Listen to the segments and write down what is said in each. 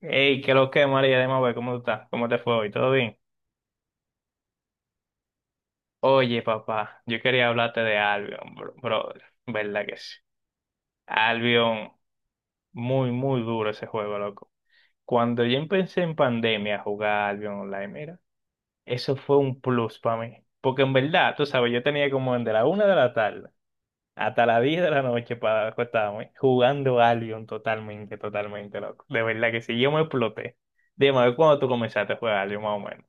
Hey, ¿qué lo que, María de Mabel? ¿Cómo tú estás? ¿Cómo te fue hoy? ¿Todo bien? Oye, papá, yo quería hablarte de Albion, bro, brother. ¿Verdad que sí? Albion, muy, muy duro ese juego, loco. Cuando yo empecé en pandemia a jugar Albion Online, mira, eso fue un plus para mí. Porque en verdad, tú sabes, yo tenía como desde la una de la tarde hasta las 10 de la noche para acostarme jugando Albion totalmente, totalmente, loco. De verdad que sí, yo me exploté. Dime, a ver, ¿cuándo tú comenzaste a jugar Albion más o menos?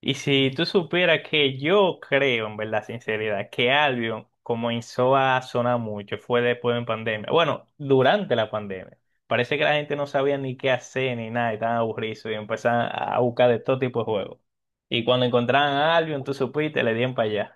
Y si tú supieras que yo creo, en verdad, sinceridad, que Albion comenzó a sonar mucho, fue después de pandemia. Bueno, durante la pandemia. Parece que la gente no sabía ni qué hacer ni nada, y estaban aburridos y empezaban a buscar de todo tipo de juegos. Y cuando encontraban a Albion, tú supiste, le dieron para allá.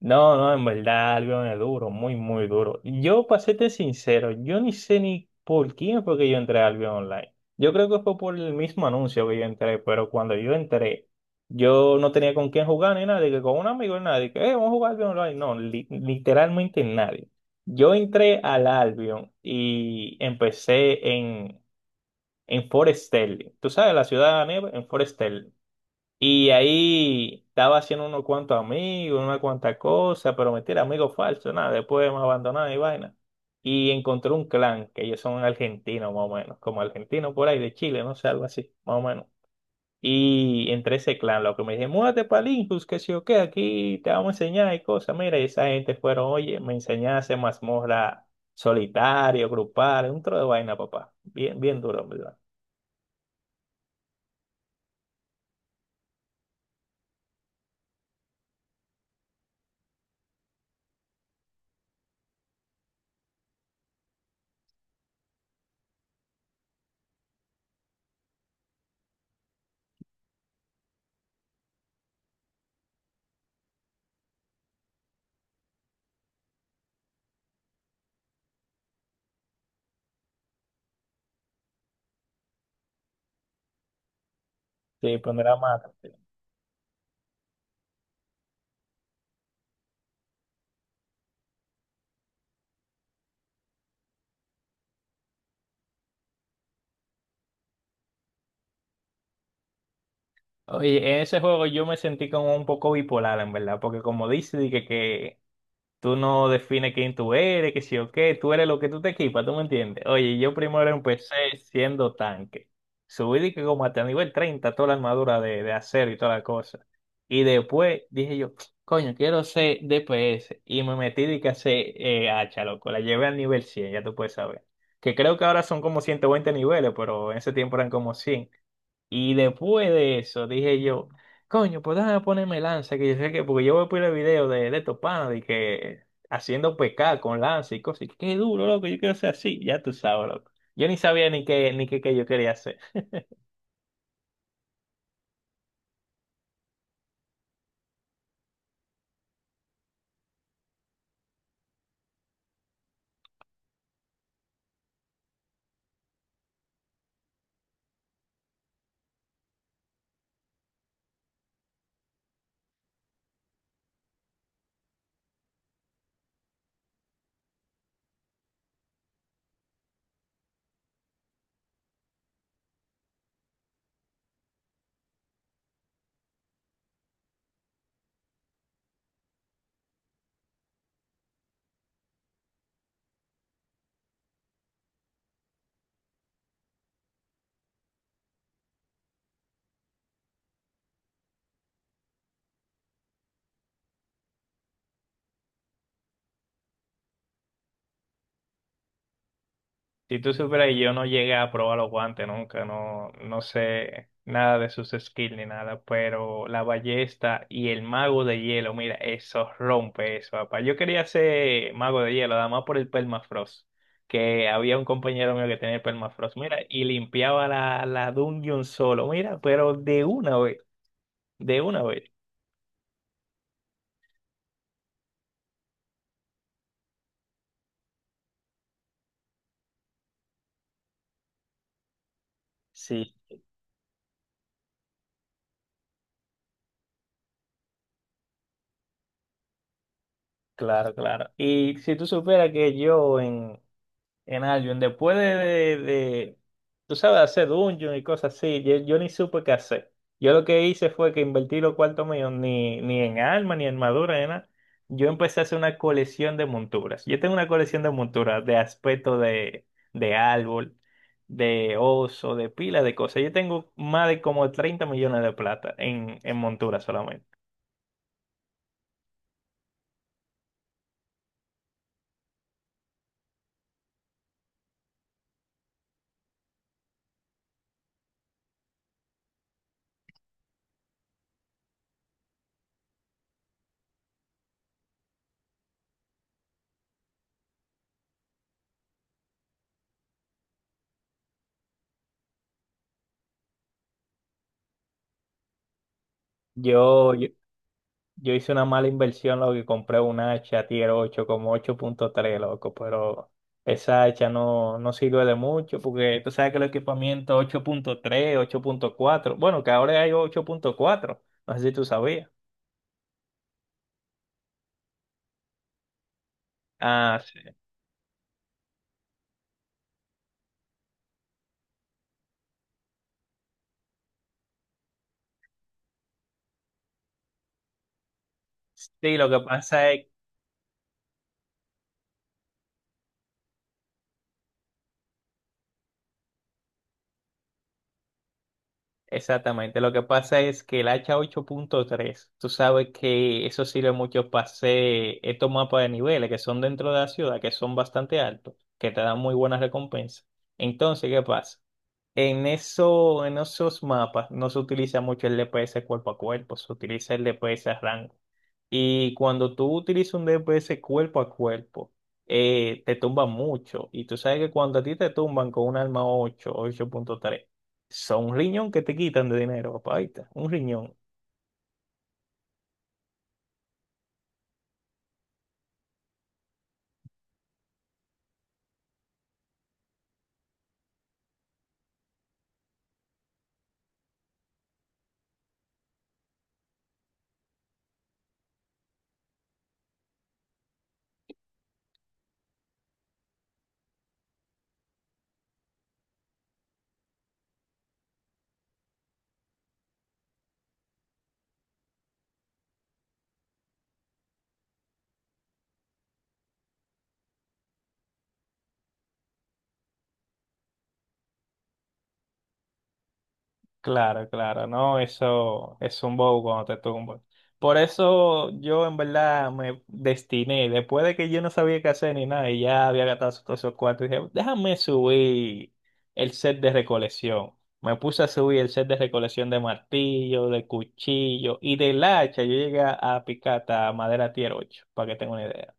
No, no, en verdad, algo es duro, muy, muy duro. Yo, para serte sincero, yo ni sé ni por quién fue que yo entré al Albion Online. Yo creo que fue por el mismo anuncio que yo entré, pero cuando yo entré, yo no tenía con quién jugar ni nadie, que con un amigo ni nadie, que vamos a jugar Albion Online. No, literalmente nadie. Yo entré al Albion y empecé en Forest Stanley. ¿Tú sabes la ciudad de la nieve? En Forest y ahí estaba haciendo unos cuantos amigos, una cuanta cosa, pero mentira, amigos falsos, nada, después me abandonaron y vaina. Y encontré un clan, que ellos son argentinos más o menos, como argentinos por ahí de Chile, no sé, algo así, más o menos. Y entre ese clan, lo que me dije, múdate para Linkus, que si o qué, aquí te vamos a enseñar y cosas. Mira, y esa gente fueron, oye, me enseñaste mazmorra solitario, grupal, un tro de vaina, papá. Bien, bien duro, en ¿verdad? Sí, pondrá más. Oye, en ese juego yo me sentí como un poco bipolar, en verdad, porque como dice, di que tú no defines quién tú eres, que si o qué, tú eres lo que tú te equipas, ¿tú me entiendes? Oye, yo primero empecé siendo tanque. Subí di que como hasta nivel 30 toda la armadura de acero y toda la cosa. Y después dije yo, coño, quiero ser DPS. Y me metí di que a hacha, loco. La llevé al nivel 100 ya tú puedes saber. Que creo que ahora son como 120 niveles, pero en ese tiempo eran como 100 y después de eso dije yo, coño, pues déjame ponerme lanza, que yo sé que, porque yo voy a poner video de estos panas de que haciendo pescar con lanza y cosas, y qué duro, loco, yo quiero ser así, ya tú sabes, loco. Yo ni sabía ni qué, qué yo quería hacer. Si tú supieras que yo no llegué a probar los guantes nunca, no, no sé nada de sus skills ni nada, pero la ballesta y el mago de hielo, mira, eso rompe eso, papá. Yo quería ser mago de hielo, además por el permafrost, que había un compañero mío que tenía el permafrost, mira, y limpiaba la dungeon solo, mira, pero de una vez, de una vez. Sí, claro, claro. Y si tú supieras que yo en Albion, después de, tú sabes, hacer dungeon y cosas así, yo ni supe qué hacer. Yo lo que hice fue que invertí los cuartos míos ni en armas, ni en armadura, ni nada. Yo empecé a hacer una colección de monturas. Yo tengo una colección de monturas de aspecto de árbol, de oso, de pila de cosas. Yo tengo más de como 30 millones de plata en monturas solamente. Yo, yo, Yo hice una mala inversión, lo que compré una hacha Tier 8 como ocho punto tres loco, pero esa hacha no, no sirve de mucho porque tú sabes que el equipamiento ocho ocho punto tres ocho punto cuatro bueno, que ahora hay ocho punto cuatro no sé si tú sabías. Ah, sí. Sí, lo que pasa es, exactamente, lo que pasa es que el hacha ocho punto tres tú sabes que eso sirve mucho para hacer estos mapas de niveles que son dentro de la ciudad, que son bastante altos, que te dan muy buenas recompensas. Entonces, ¿qué pasa? En eso, en esos mapas no se utiliza mucho el DPS cuerpo a cuerpo, se utiliza el DPS a rango. Y cuando tú utilizas un DPS cuerpo a cuerpo, te tumban mucho. Y tú sabes que cuando a ti te tumban con un arma ocho, ocho punto tres, son un riñón que te quitan de dinero, papá. Ahí está, un riñón. Claro, claro, no, eso es un bobo cuando te tumban. Por eso yo en verdad me destiné, después de que yo no sabía qué hacer ni nada y ya había gastado todos esos cuartos, dije, déjame subir el set de recolección. Me puse a subir el set de recolección de martillo, de cuchillo y del hacha. Yo llegué a picar hasta madera tier 8, para que tenga una idea.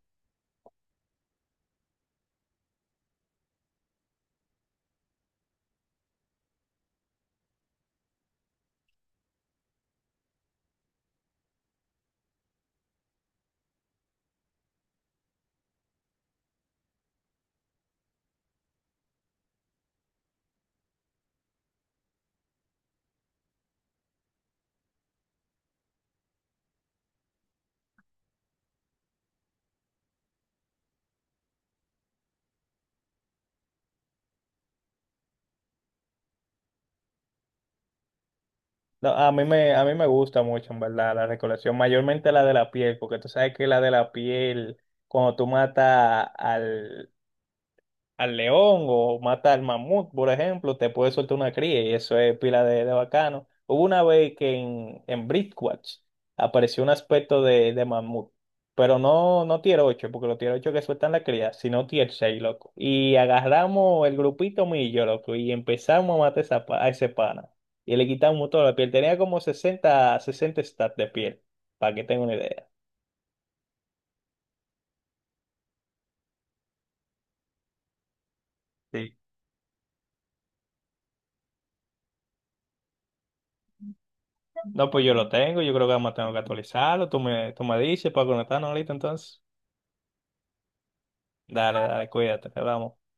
No, a mí me gusta mucho, en verdad, la recolección, mayormente la de la piel, porque tú sabes que la de la piel, cuando tú matas al león o mata al mamut, por ejemplo, te puede soltar una cría y eso es pila de bacano. Hubo una vez que en Bridgewatch apareció un aspecto de mamut, pero no, no tier 8 porque los tier 8 que sueltan la cría, sino tier 6 loco. Y agarramos el grupito millo, loco, y empezamos a matar esa a ese pana. Y le quitamos toda la piel. Tenía como 60 60 stats de piel, para que tenga una idea. Sí. No, pues yo lo tengo, yo creo que además tengo que actualizarlo. Tú me dices para conectarnos ahorita entonces. Dale, dale, cuídate, te hablamos.